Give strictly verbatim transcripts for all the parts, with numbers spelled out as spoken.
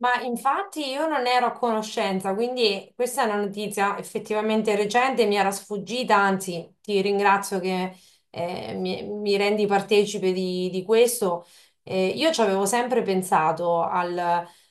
Ma infatti io non ero a conoscenza, quindi questa è una notizia effettivamente recente, mi era sfuggita, anzi ti ringrazio che eh, mi, mi rendi partecipe di, di questo. Eh, io ci avevo sempre pensato al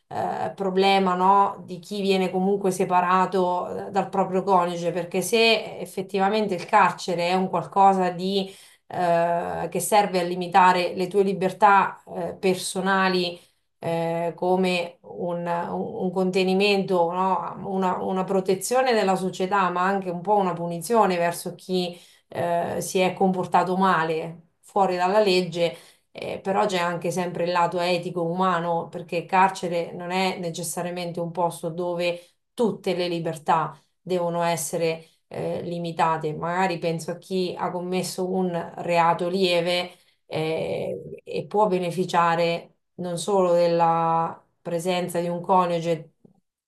eh, problema, no, di chi viene comunque separato eh, dal proprio coniuge, perché se effettivamente il carcere è un qualcosa di, eh, che serve a limitare le tue libertà eh, personali, eh, come un, un contenimento, no? Una, una protezione della società, ma anche un po' una punizione verso chi eh, si è comportato male fuori dalla legge. Eh, però c'è anche sempre il lato etico umano, perché il carcere non è necessariamente un posto dove tutte le libertà devono essere eh, limitate. Magari penso a chi ha commesso un reato lieve eh, e può beneficiare non solo della presenza di un coniuge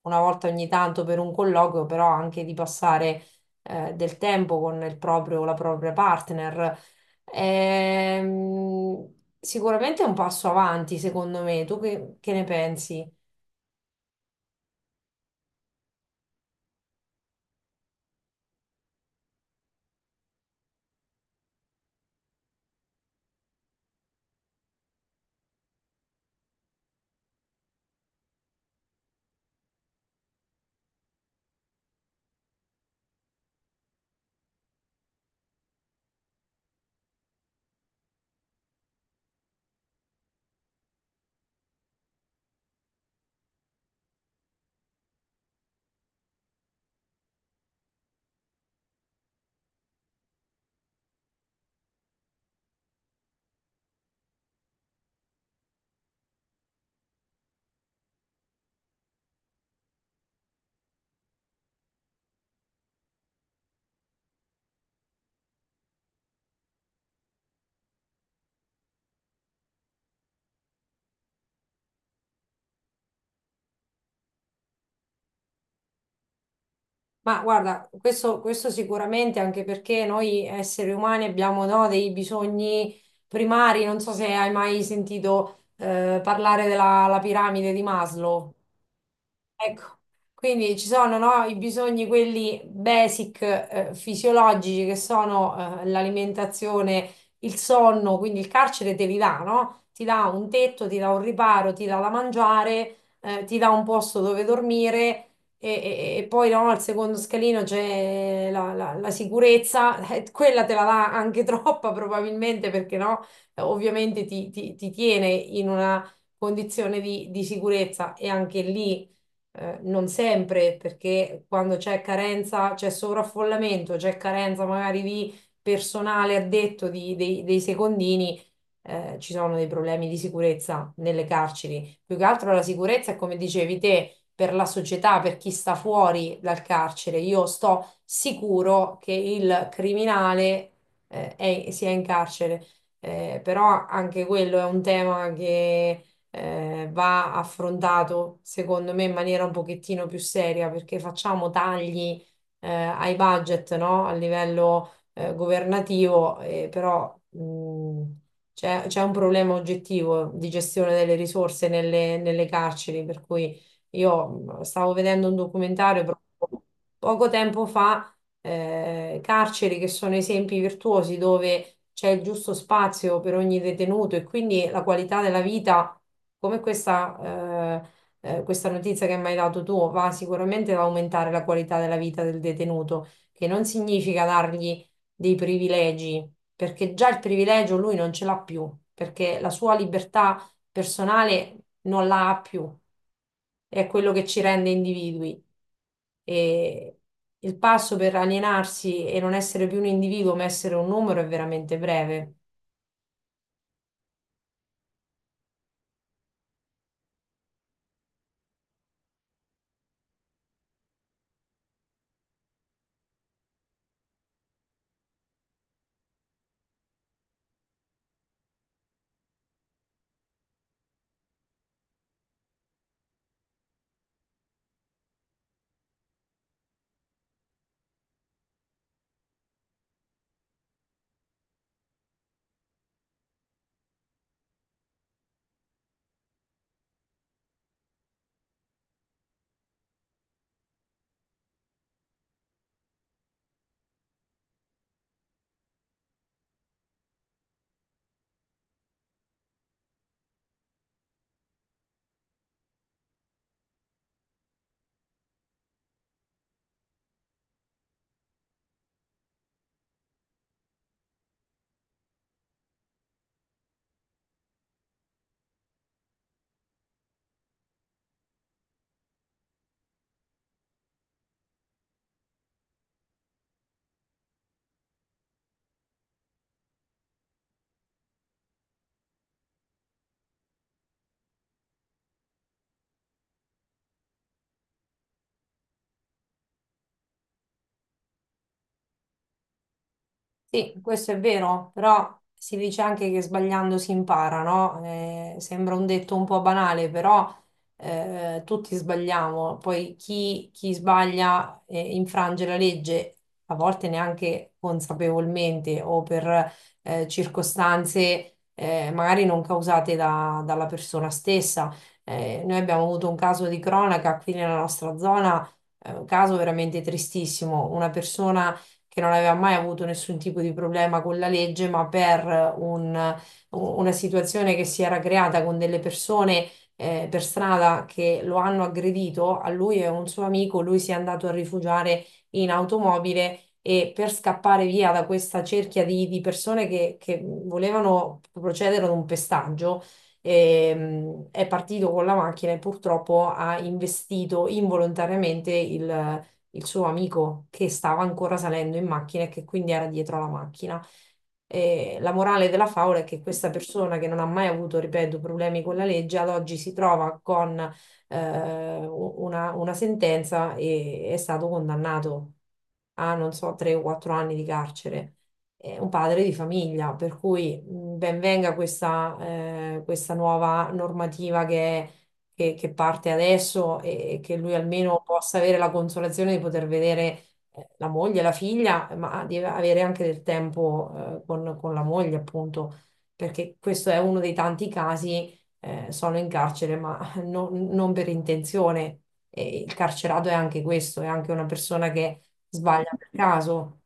una volta ogni tanto per un colloquio, però anche di passare eh, del tempo con il proprio, la propria partner. Ehm, Sicuramente è un passo avanti, secondo me. Tu che, che ne pensi? Ma guarda, questo, questo sicuramente anche perché noi esseri umani abbiamo, no, dei bisogni primari. Non so se hai mai sentito eh, parlare della la piramide di Maslow. Ecco, quindi ci sono, no, i bisogni quelli basic, eh, fisiologici che sono, eh, l'alimentazione, il sonno, quindi il carcere te li dà, no? Ti dà un tetto, ti dà un riparo, ti dà da mangiare, eh, ti dà un posto dove dormire e, e- e poi no, al secondo scalino c'è la, la- la sicurezza, eh, quella te la dà anche troppa probabilmente perché no. Eh, ovviamente ti, ti- ti tiene in una condizione di di sicurezza e anche lì eh, non sempre, perché quando c'è carenza, c'è sovraffollamento, c'è carenza magari di personale addetto di- dei, dei secondini, eh, ci sono dei problemi di sicurezza nelle carceri. Più che altro la sicurezza è come dicevi te, per la società, per chi sta fuori dal carcere. Io sto sicuro che il criminale, eh, è- sia in carcere. Eh, però anche quello è un tema che eh, va affrontato, secondo me, in maniera un pochettino più seria, perché facciamo tagli, eh, ai budget, no? A livello, eh, governativo, eh, però, mh, c'è c'è un problema oggettivo di gestione delle risorse nelle, nelle carceri, per cui io mh, stavo vedendo un documentario proprio poco tempo fa, eh, carceri che sono esempi virtuosi dove c'è il giusto spazio per ogni detenuto e quindi la qualità della vita, come questa, eh, eh, questa notizia che mi hai dato tu, va sicuramente ad aumentare la qualità della vita del detenuto, che non significa dargli dei privilegi, perché già il privilegio lui non ce l'ha più, perché la sua libertà personale non la ha più, è quello che ci rende individui. E il passo per alienarsi e non essere più un individuo, ma essere un numero è veramente breve. Sì, questo è vero, però si dice anche che sbagliando si impara, no? Eh, sembra un detto un po' banale, però eh, tutti sbagliamo. Poi chi, chi sbaglia eh, infrange la legge, a volte neanche consapevolmente o per eh, circostanze eh, magari non causate da- dalla persona stessa. Eh, noi abbiamo avuto un caso di cronaca qui nella nostra zona, eh, un caso veramente tristissimo, una persona che non aveva mai avuto nessun tipo di problema con la legge, ma per un- una situazione che si era creata con delle persone eh, per strada che lo hanno aggredito, a lui e a un suo amico, lui si è andato a rifugiare in automobile e per scappare via da questa cerchia di, di persone che, che volevano procedere ad un pestaggio. Ehm, è partito con la macchina e purtroppo ha investito involontariamente il, il suo amico che stava ancora salendo in macchina e che quindi era dietro alla macchina. E la morale della favola è che questa persona che non ha mai avuto, ripeto, problemi con la legge, ad oggi si trova con eh, una, una sentenza e è stato condannato a, non so, tre o quattro anni di carcere. È un padre di famiglia, per cui mh, ben venga questa, eh, questa nuova normativa che è che, che parte adesso e che lui almeno possa avere la consolazione di poter vedere eh, la moglie, la figlia, ma di avere anche del tempo eh, con, con la moglie, appunto, perché questo è uno dei tanti casi, eh, sono in carcere, ma non non per intenzione. E il carcerato è anche questo, è anche una persona che sbaglia per caso.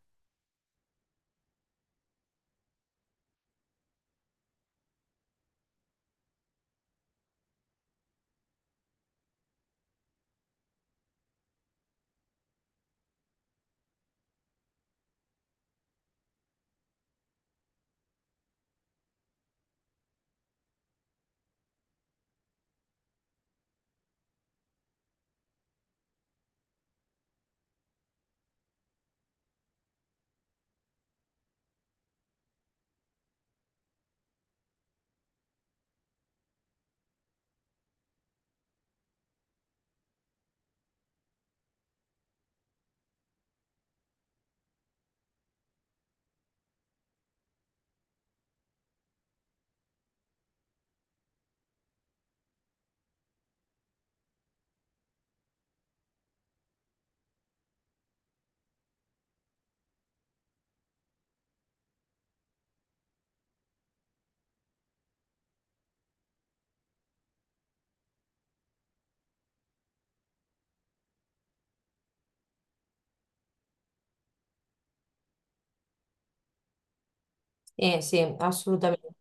Eh, sì, assolutamente.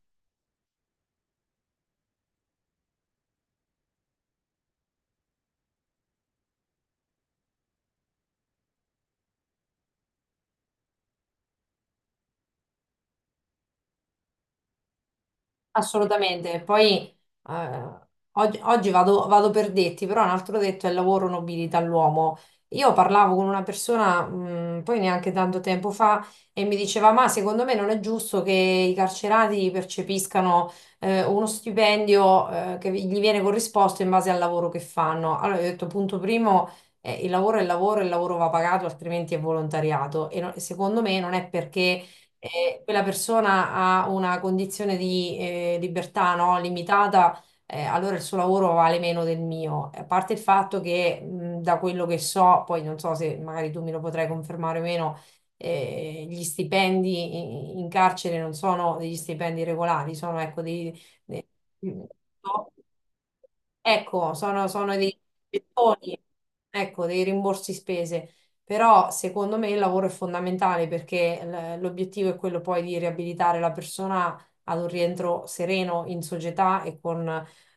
Assolutamente, poi eh, oggi, oggi vado, vado per detti, però un altro detto è il lavoro nobilita l'uomo. Io parlavo con una persona, mh, poi neanche tanto tempo fa, e mi diceva: ma secondo me non è giusto che i carcerati percepiscano eh, uno stipendio eh, che gli viene corrisposto in base al lavoro che fanno. Allora, io ho detto: punto primo, eh, il lavoro è il lavoro, il lavoro va pagato, altrimenti è volontariato. E no- secondo me non è perché eh, quella persona ha una condizione di eh, libertà, no, limitata, eh, allora il suo lavoro vale meno del mio. A parte il fatto che, mh, da quello che so, poi non so se magari tu me lo potrai confermare o meno, eh, gli stipendi in, in carcere non sono degli stipendi regolari, sono ecco dei... dei- Ecco, sono, sono dei gettoni, ecco, dei rimborsi spese. Però secondo me il lavoro è fondamentale perché l- l'obiettivo è quello poi di riabilitare la persona ad un rientro sereno in società e con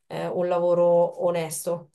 eh, un lavoro onesto.